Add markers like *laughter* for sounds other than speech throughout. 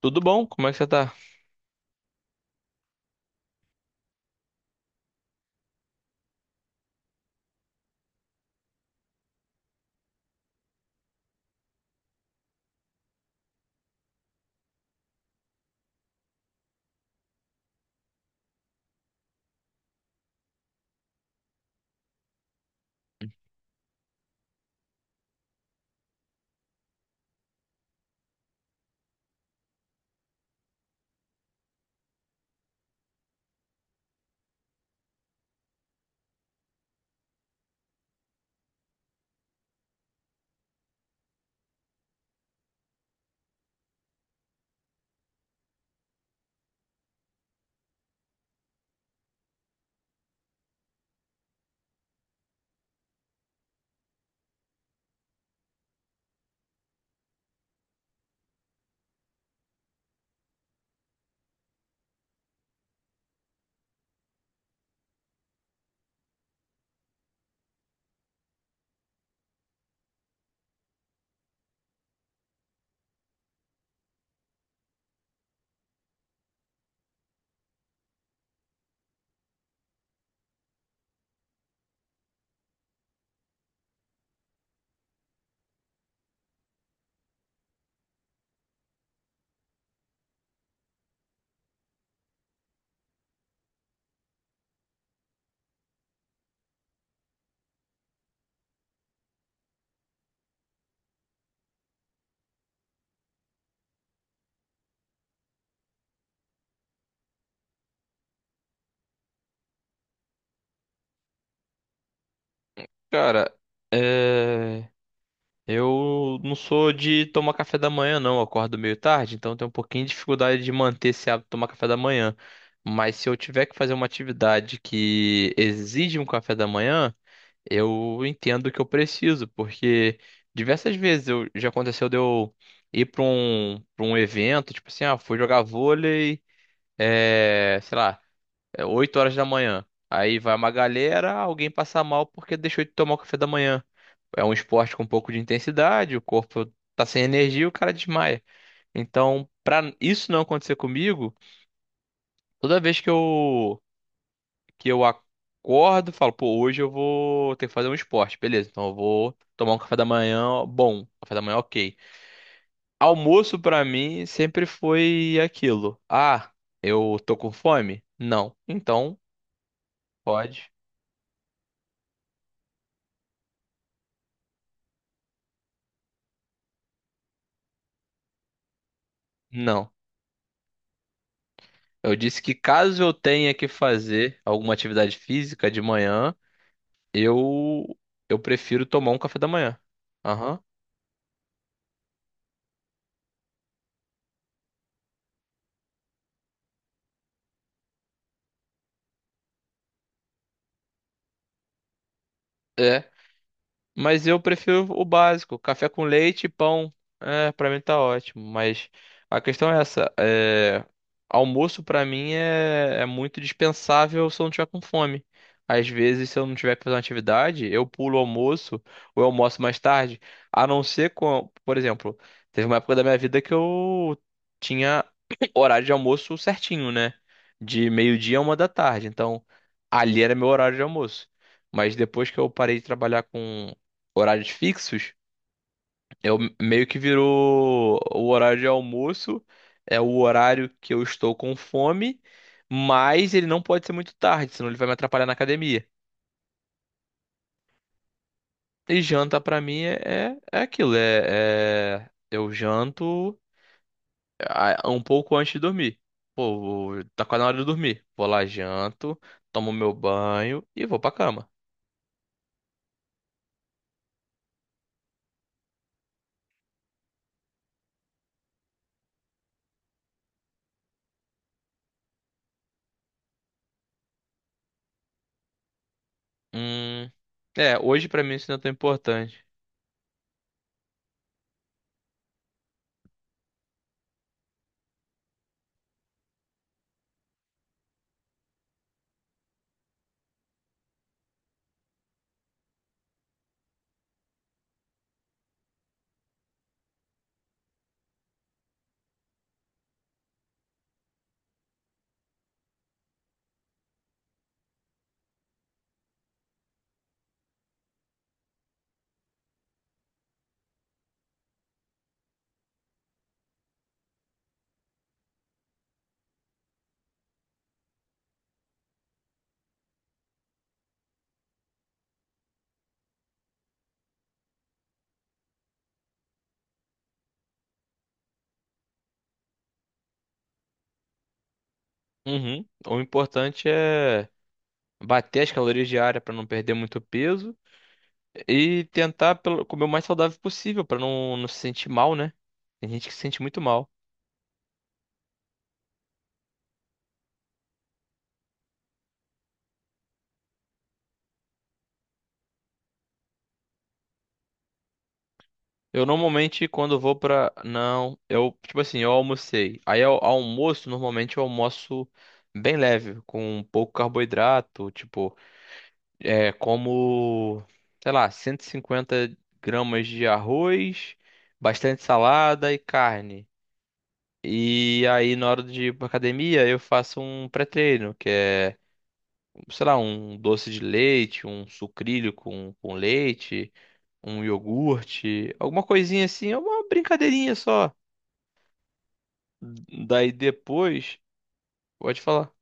Tudo bom? Como é que você tá? Cara, é... eu não sou de tomar café da manhã, não. Eu acordo meio tarde, então eu tenho um pouquinho de dificuldade de manter esse hábito de tomar café da manhã. Mas se eu tiver que fazer uma atividade que exige um café da manhã, eu entendo que eu preciso, porque diversas vezes já aconteceu de eu ir pra um evento, tipo assim, ah, fui jogar vôlei, sei lá. É 8 horas da manhã. Aí vai uma galera, alguém passa mal porque deixou de tomar o café da manhã. É um esporte com um pouco de intensidade, o corpo tá sem energia, e o cara desmaia. Então, pra isso não acontecer comigo, toda vez que eu acordo, falo, pô, hoje eu vou ter que fazer um esporte, beleza? Então eu vou tomar um café da manhã, bom, café da manhã OK. Almoço pra mim sempre foi aquilo. Ah, eu tô com fome? Não. Então, pode. Não. Eu disse que caso eu tenha que fazer alguma atividade física de manhã, eu eu prefiro tomar um café da manhã. Aham. É. Mas eu prefiro o básico, café com leite e pão. É, pra mim tá ótimo. Mas a questão é essa, é, almoço pra mim é muito dispensável se eu não tiver com fome. Às vezes, se eu não tiver que fazer uma atividade, eu pulo o almoço ou eu almoço mais tarde. A não ser com, por exemplo, teve uma época da minha vida que eu tinha *clears throat* horário de almoço certinho, né? De meio-dia a uma da tarde. Então, ali era meu horário de almoço. Mas depois que eu parei de trabalhar com horários fixos, eu meio que virou o horário de almoço, é o horário que eu estou com fome, mas ele não pode ser muito tarde, senão ele vai me atrapalhar na academia. E janta pra mim é aquilo, eu janto ah, um pouco antes de dormir. Pô, tá quase na hora de dormir. Vou lá, janto, tomo meu banho e vou pra cama. Hum, é, hoje pra mim isso não é tão importante. Uhum. O importante é bater as calorias diárias para não perder muito peso e tentar comer o mais saudável possível para não, não se sentir mal, né? Tem gente que se sente muito mal. Eu normalmente quando vou pra. Não, eu tipo assim, eu almocei. Aí ao almoço normalmente eu almoço bem leve, com pouco carboidrato, tipo, é como, sei lá, 150 gramas de arroz, bastante salada e carne. E aí, na hora de ir pra academia, eu faço um pré-treino, que é, sei lá, um doce de leite, um sucrilho com leite, um iogurte, alguma coisinha assim, é uma brincadeirinha só. Daí depois, pode falar.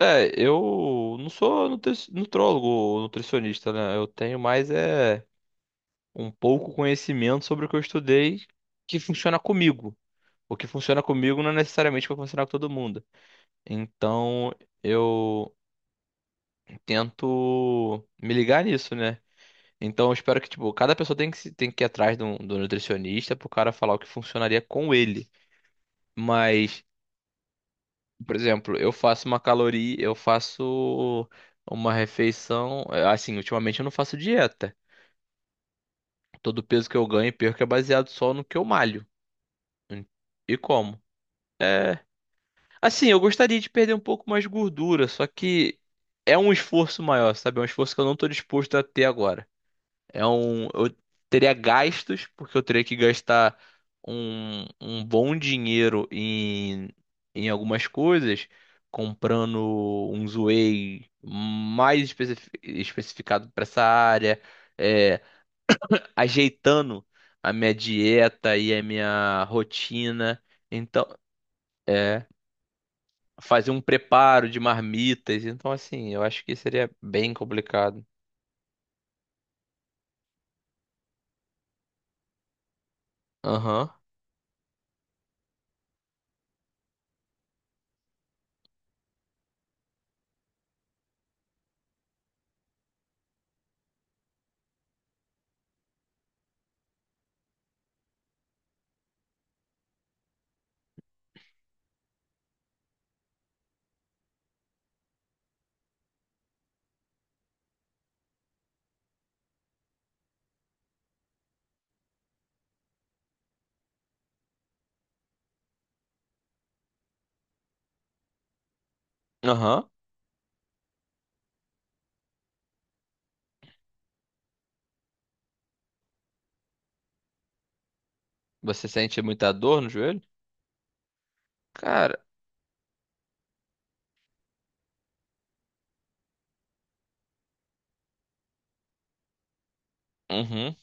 É, eu não sou nutri nutrólogo ou nutricionista, né? Eu tenho mais é um pouco conhecimento sobre o que eu estudei que funciona comigo. O que funciona comigo não é necessariamente o que vai funcionar com todo mundo. Então, eu tento me ligar nisso, né? Então eu espero que, tipo, cada pessoa tem que, tem que ir atrás de um, do nutricionista pro cara falar o que funcionaria com ele. Mas, por exemplo, eu faço uma caloria, eu faço uma refeição. É, Assim, ultimamente eu não faço dieta. Todo o peso que eu ganho e perco é baseado só no que eu malho. Hum, E como? É. Assim, eu gostaria de perder um pouco mais de gordura, só que é um esforço maior, sabe? É um esforço que eu não tô disposto a ter agora. É um, eu teria gastos, porque eu teria que gastar um bom dinheiro em algumas coisas, comprando um Zway mais especificado para essa área, é, ajeitando a minha dieta e a minha rotina. Então, é, fazer um preparo de marmitas. Então, assim, eu acho que seria bem complicado. Aham, aham. Você sente muita dor no joelho? Cara. Uhum.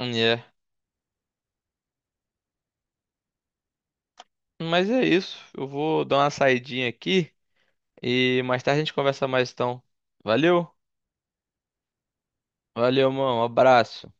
é Mas é isso. Eu vou dar uma saidinha aqui e mais tarde a gente conversa mais então. Valeu? Valeu, mano. Um abraço.